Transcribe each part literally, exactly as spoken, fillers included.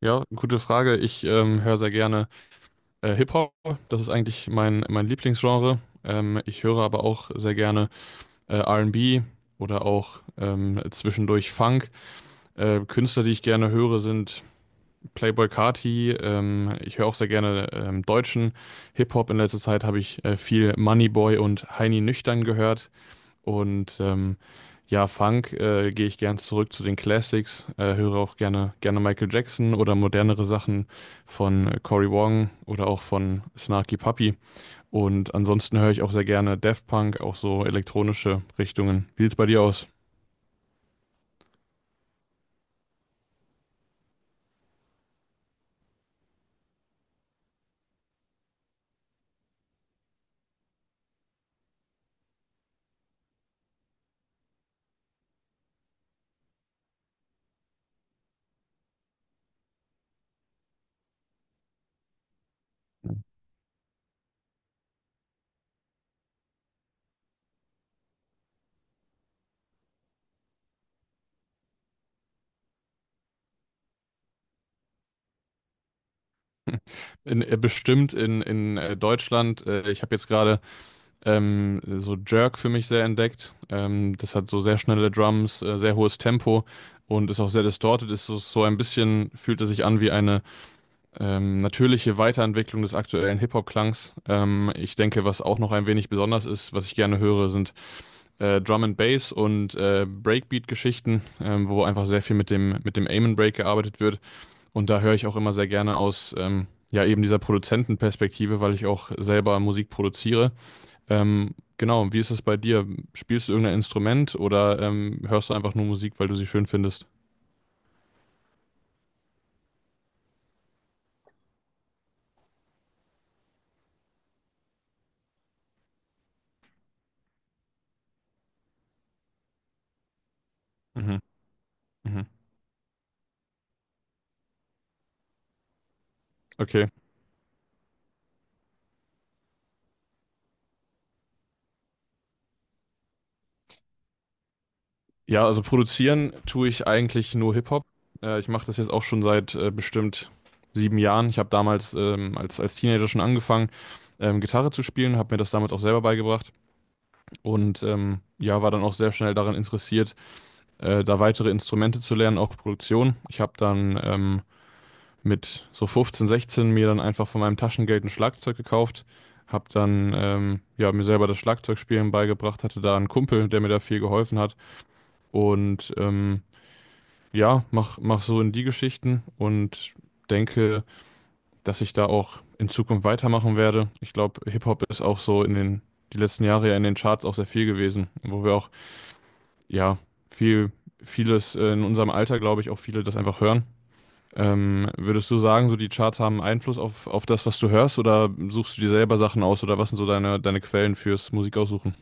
Ja, gute Frage. Ich ähm, höre sehr gerne äh, Hip-Hop. Das ist eigentlich mein, mein Lieblingsgenre. Ähm, ich höre aber auch sehr gerne äh, R und B oder auch ähm, zwischendurch Funk. Äh, Künstler, die ich gerne höre, sind Playboi Carti. Ähm, ich höre auch sehr gerne ähm, deutschen Hip-Hop. In letzter Zeit habe ich äh, viel Moneyboy und Heini Nüchtern gehört. Und ähm, Ja, Funk, äh, gehe ich gern zurück zu den Classics, äh, höre auch gerne, gerne Michael Jackson oder modernere Sachen von äh, Cory Wong oder auch von Snarky Puppy. Und ansonsten höre ich auch sehr gerne Daft Punk, auch so elektronische Richtungen. Wie sieht's bei dir aus? In, äh, bestimmt in, in äh, Deutschland. Äh, ich habe jetzt gerade ähm, so Jerk für mich sehr entdeckt. Ähm, das hat so sehr schnelle Drums, äh, sehr hohes Tempo und ist auch sehr distorted. Ist so, so ein bisschen, fühlt es sich an wie eine Ähm, natürliche Weiterentwicklung des aktuellen Hip-Hop-Klangs. Ähm, ich denke, was auch noch ein wenig besonders ist, was ich gerne höre, sind äh, Drum and Bass und äh, Breakbeat-Geschichten, ähm, wo einfach sehr viel mit dem, mit dem Aim and Break gearbeitet wird. Und da höre ich auch immer sehr gerne aus, ähm, ja, eben dieser Produzentenperspektive, weil ich auch selber Musik produziere. Ähm, genau, wie ist es bei dir? Spielst du irgendein Instrument oder ähm, hörst du einfach nur Musik, weil du sie schön findest? Mhm. Mhm. Okay. Ja, also produzieren tue ich eigentlich nur Hip-Hop. Äh, ich mache das jetzt auch schon seit äh, bestimmt sieben Jahren. Ich habe damals ähm, als, als Teenager schon angefangen, ähm, Gitarre zu spielen, habe mir das damals auch selber beigebracht und ähm, ja, war dann auch sehr schnell daran interessiert, äh, da weitere Instrumente zu lernen, auch Produktion. Ich habe dann ähm, mit so fünfzehn, sechzehn mir dann einfach von meinem Taschengeld ein Schlagzeug gekauft, habe dann ähm, ja, mir selber das Schlagzeugspielen beigebracht, hatte da einen Kumpel, der mir da viel geholfen hat, und ähm, ja, mach, mach so in die Geschichten und denke, dass ich da auch in Zukunft weitermachen werde. Ich glaube, Hip-Hop ist auch so in den, die letzten Jahre ja in den Charts auch sehr viel gewesen, wo wir auch, ja, viel, vieles äh, in unserem Alter, glaube ich, auch viele das einfach hören. Ähm, würdest du sagen, so die Charts haben Einfluss auf, auf das, was du hörst, oder suchst du dir selber Sachen aus, oder was sind so deine, deine Quellen fürs Musikaussuchen?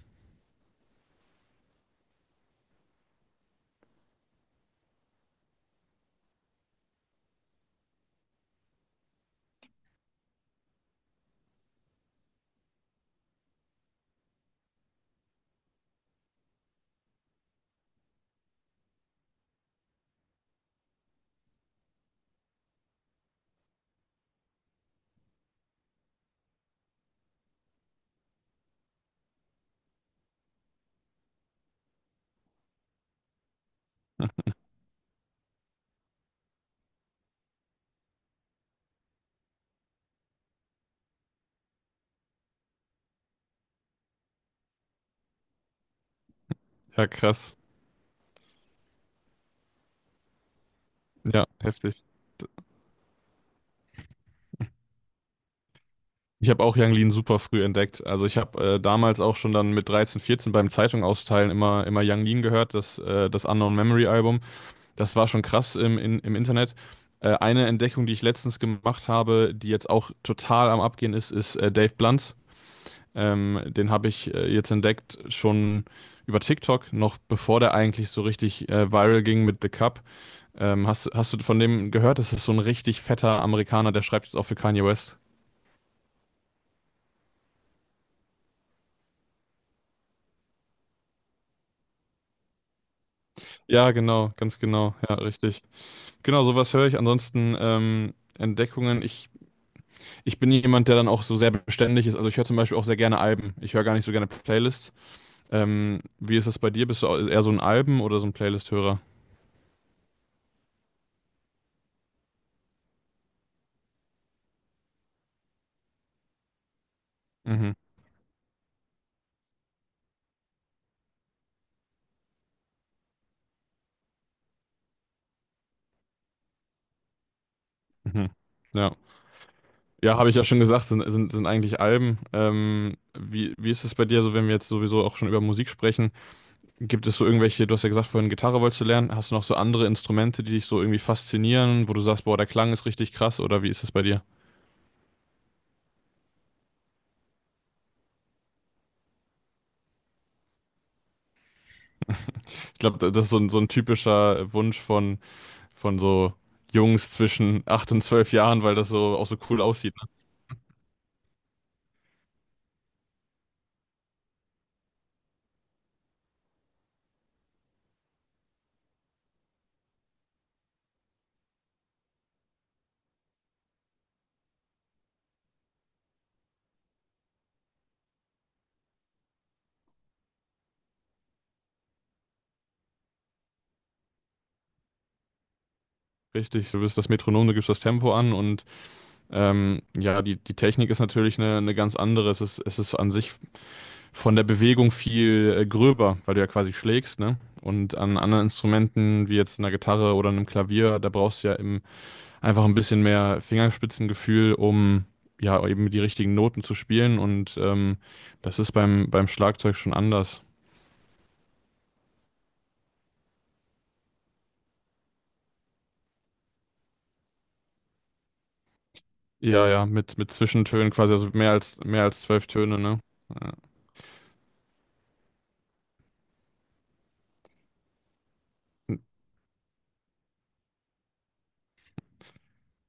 Ja, krass. Ja, heftig. Ich habe auch Yang Lean super früh entdeckt. Also ich habe äh, damals auch schon dann mit dreizehn, vierzehn beim Zeitung austeilen immer, immer Yang Lean gehört, das, äh, das Unknown Memory Album. Das war schon krass im, in, im Internet. Äh, eine Entdeckung, die ich letztens gemacht habe, die jetzt auch total am Abgehen ist, ist äh, Dave Blunt. Ähm, den habe ich äh, jetzt entdeckt schon über TikTok, noch bevor der eigentlich so richtig äh, viral ging mit The Cup. Ähm, hast, hast du von dem gehört? Das ist so ein richtig fetter Amerikaner, der schreibt jetzt auch für Kanye West. Ja, genau, ganz genau. Ja, richtig. Genau, sowas höre ich. Ansonsten ähm, Entdeckungen. Ich, ich bin jemand, der dann auch so sehr beständig ist. Also ich höre zum Beispiel auch sehr gerne Alben. Ich höre gar nicht so gerne Playlists. Ähm, wie ist das bei dir? Bist du eher so ein Alben- oder so ein Playlist-Hörer? Mhm. Mhm. Ja. Ja, habe ich ja schon gesagt, sind, sind, sind eigentlich Alben. Ähm, wie, wie ist es bei dir so, wenn wir jetzt sowieso auch schon über Musik sprechen? Gibt es so irgendwelche, du hast ja gesagt, vorhin Gitarre wolltest du lernen. Hast du noch so andere Instrumente, die dich so irgendwie faszinieren, wo du sagst, boah, der Klang ist richtig krass, oder wie ist es bei dir? Ich glaube, das ist so ein, so ein typischer Wunsch von, von so Jungs zwischen acht und zwölf Jahren, weil das so auch so cool aussieht, ne? Richtig, du bist das Metronom, du gibst das Tempo an, und ähm, ja, die, die Technik ist natürlich eine, eine ganz andere. Es ist, es ist an sich von der Bewegung viel äh, gröber, weil du ja quasi schlägst, ne? Und an anderen Instrumenten, wie jetzt einer Gitarre oder einem Klavier, da brauchst du ja im, einfach ein bisschen mehr Fingerspitzengefühl, um ja eben die richtigen Noten zu spielen, und ähm, das ist beim, beim Schlagzeug schon anders. Ja, ja, mit, mit Zwischentönen quasi, also mehr als mehr als zwölf Töne, ne? Ja,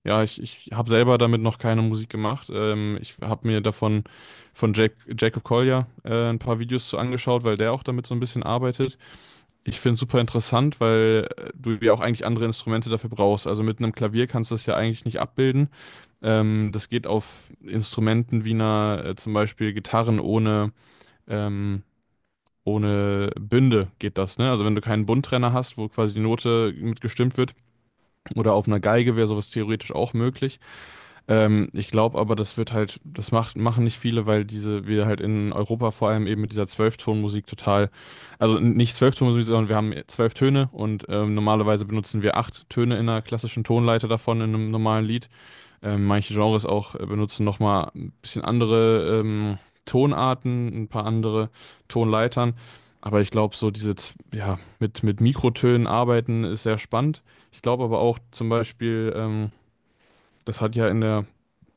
ja, ich, ich habe selber damit noch keine Musik gemacht. Ähm, ich habe mir davon von Jack, Jacob Collier äh, ein paar Videos zu angeschaut, weil der auch damit so ein bisschen arbeitet. Ich finde es super interessant, weil äh, du ja auch eigentlich andere Instrumente dafür brauchst. Also mit einem Klavier kannst du das ja eigentlich nicht abbilden. Ähm, das geht auf Instrumenten wie einer, äh, zum Beispiel Gitarren ohne, ähm, ohne Bünde geht das, ne? Also wenn du keinen Bundtrenner hast, wo quasi die Note mitgestimmt wird, oder auf einer Geige wäre sowas theoretisch auch möglich. Ähm, ich glaube aber, das wird halt, das macht, machen nicht viele, weil diese, wir halt in Europa vor allem eben mit dieser Zwölftonmusik total, also nicht Zwölftonmusik, sondern wir haben zwölf Töne, und ähm, normalerweise benutzen wir acht Töne in einer klassischen Tonleiter davon in einem normalen Lied. Ähm, manche Genres auch äh, benutzen nochmal ein bisschen andere ähm, Tonarten, ein paar andere Tonleitern. Aber ich glaube, so diese, z- ja, mit, mit Mikrotönen arbeiten ist sehr spannend. Ich glaube aber auch zum Beispiel, ähm, das hat ja in der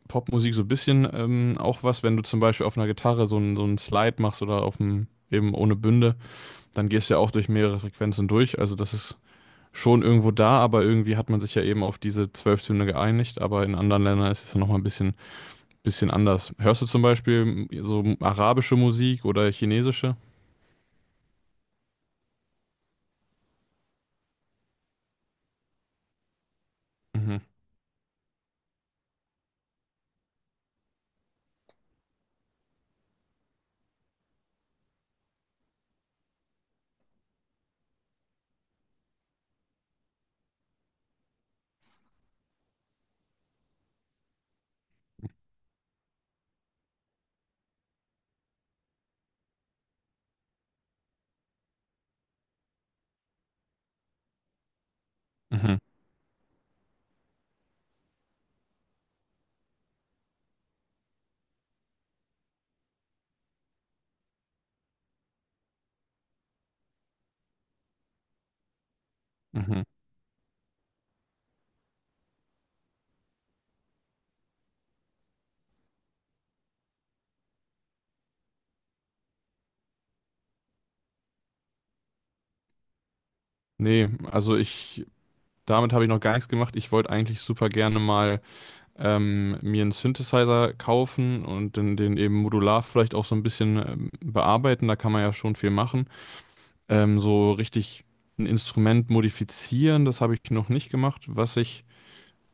Popmusik so ein bisschen ähm, auch was, wenn du zum Beispiel auf einer Gitarre so einen so einen Slide machst oder auf dem, eben ohne Bünde, dann gehst du ja auch durch mehrere Frequenzen durch. Also das ist schon irgendwo da, aber irgendwie hat man sich ja eben auf diese zwölf Töne geeinigt, aber in anderen Ländern ist es ja nochmal ein bisschen bisschen anders. Hörst du zum Beispiel so arabische Musik oder chinesische? Mhm. Mhm. Mhm. Nee, also ich, damit habe ich noch gar nichts gemacht. Ich wollte eigentlich super gerne mal ähm, mir einen Synthesizer kaufen und den, den eben modular vielleicht auch so ein bisschen ähm, bearbeiten. Da kann man ja schon viel machen. Ähm, so richtig ein Instrument modifizieren, das habe ich noch nicht gemacht. Was ich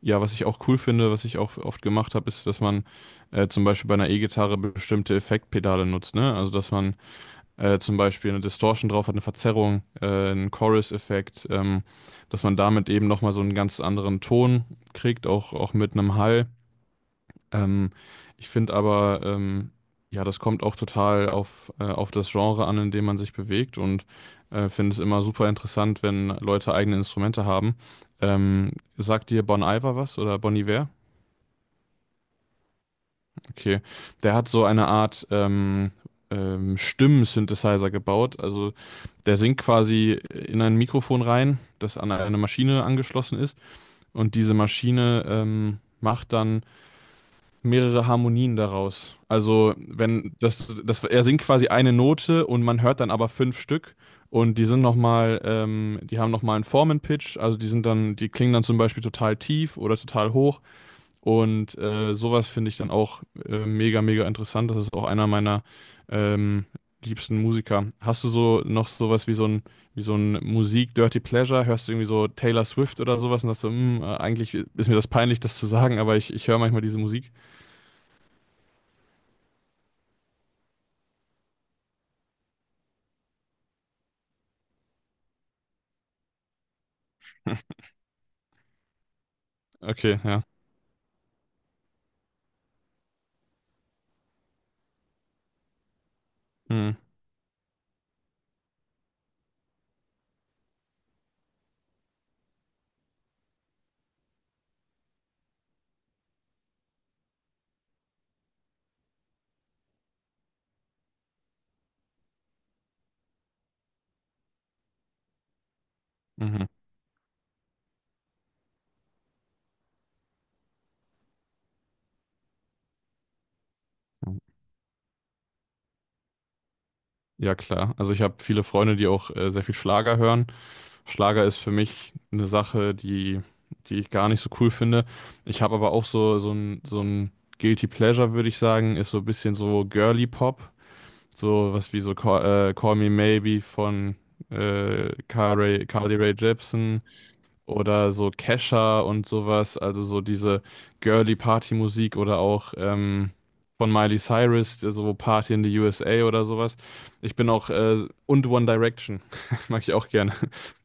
Ja, was ich auch cool finde, was ich auch oft gemacht habe, ist, dass man äh, zum Beispiel bei einer E-Gitarre bestimmte Effektpedale nutzt, ne? Also, dass man äh, zum Beispiel eine Distortion drauf hat, eine Verzerrung, äh, einen Chorus-Effekt, ähm, dass man damit eben nochmal so einen ganz anderen Ton kriegt, auch, auch mit einem Hall. Ähm, Ich finde aber, ähm, ja, das kommt auch total auf, äh, auf das Genre an, in dem man sich bewegt, und äh, finde es immer super interessant, wenn Leute eigene Instrumente haben. Ähm, sagt dir Bon Iver was oder Bon Iver? Okay. Der hat so eine Art ähm, ähm, Stimmen-Synthesizer gebaut. Also der singt quasi in ein Mikrofon rein, das an eine Maschine angeschlossen ist. Und diese Maschine ähm, macht dann mehrere Harmonien daraus. Also wenn das, das, er singt quasi eine Note und man hört dann aber fünf Stück. Und die sind nochmal, ähm, die haben nochmal einen Formen-Pitch, also die sind dann, die klingen dann zum Beispiel total tief oder total hoch. Und äh, sowas finde ich dann auch äh, mega, mega interessant. Das ist auch einer meiner ähm, liebsten Musiker. Hast du so noch sowas wie so ein, wie so ein Musik-Dirty Pleasure? Hörst du irgendwie so Taylor Swift oder sowas und hast so: "Hm, äh, eigentlich ist mir das peinlich, das zu sagen, aber ich, ich höre manchmal diese Musik." Okay, ja. Hm, mhm. Ja, klar. Also ich habe viele Freunde, die auch äh, sehr viel Schlager hören. Schlager ist für mich eine Sache, die, die ich gar nicht so cool finde. Ich habe aber auch so, so ein, so ein Guilty Pleasure, würde ich sagen, ist so ein bisschen so Girly Pop. So was wie so Call, äh, Call Me Maybe von äh, Carly, Carly Rae Jepsen oder so Kesha und sowas, also so diese girly Party-Musik oder auch ähm, von Miley Cyrus, so Party in the U S A oder sowas. Ich bin auch, äh, und One Direction, mag ich auch gerne.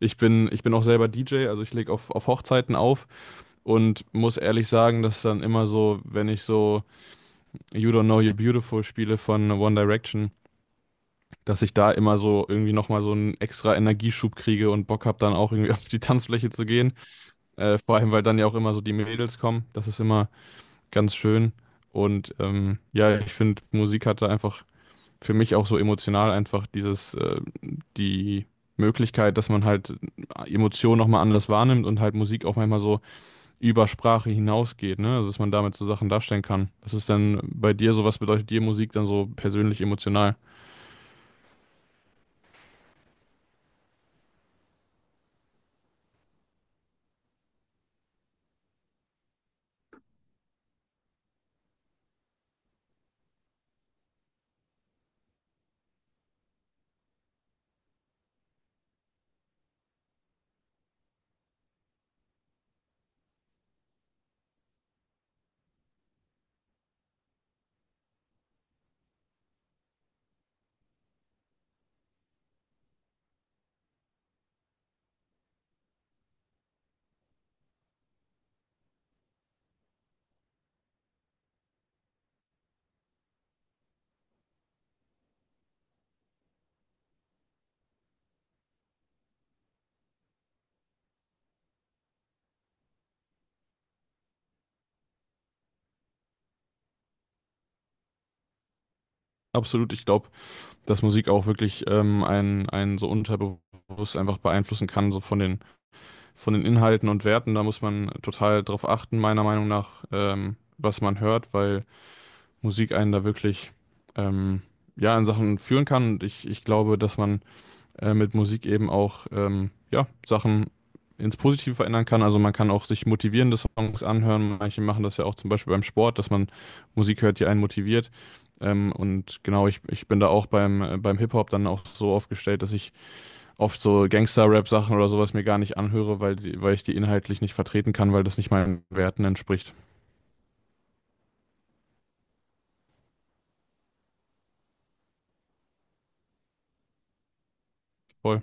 Ich bin, ich bin auch selber D J, also ich lege auf, auf Hochzeiten auf und muss ehrlich sagen, dass dann immer so, wenn ich so You Don't Know You're Beautiful spiele von One Direction, dass ich da immer so irgendwie nochmal so einen extra Energieschub kriege und Bock habe, dann auch irgendwie auf die Tanzfläche zu gehen. Äh, vor allem, weil dann ja auch immer so die Mädels kommen. Das ist immer ganz schön. Und ähm, ja, ich finde, Musik hatte einfach für mich auch so emotional einfach dieses, äh, die Möglichkeit, dass man halt Emotionen nochmal anders wahrnimmt und halt Musik auch manchmal so über Sprache hinausgeht, ne? Also, dass man damit so Sachen darstellen kann. Was ist denn bei dir so, was bedeutet dir Musik dann so persönlich emotional? Absolut, ich glaube, dass Musik auch wirklich ähm, einen, einen so unterbewusst einfach beeinflussen kann, so von den von den Inhalten und Werten. Da muss man total drauf achten, meiner Meinung nach, ähm, was man hört, weil Musik einen da wirklich ähm, ja, in Sachen führen kann. Und ich, ich glaube, dass man äh, mit Musik eben auch ähm, ja, Sachen ins Positive verändern kann. Also man kann auch sich motivierende Songs anhören. Manche machen das ja auch zum Beispiel beim Sport, dass man Musik hört, die einen motiviert. Ähm, und genau, ich, ich bin da auch beim, äh, beim Hip-Hop dann auch so aufgestellt, dass ich oft so Gangster-Rap-Sachen oder sowas mir gar nicht anhöre, weil, sie, weil ich die inhaltlich nicht vertreten kann, weil das nicht meinen Werten entspricht. Voll.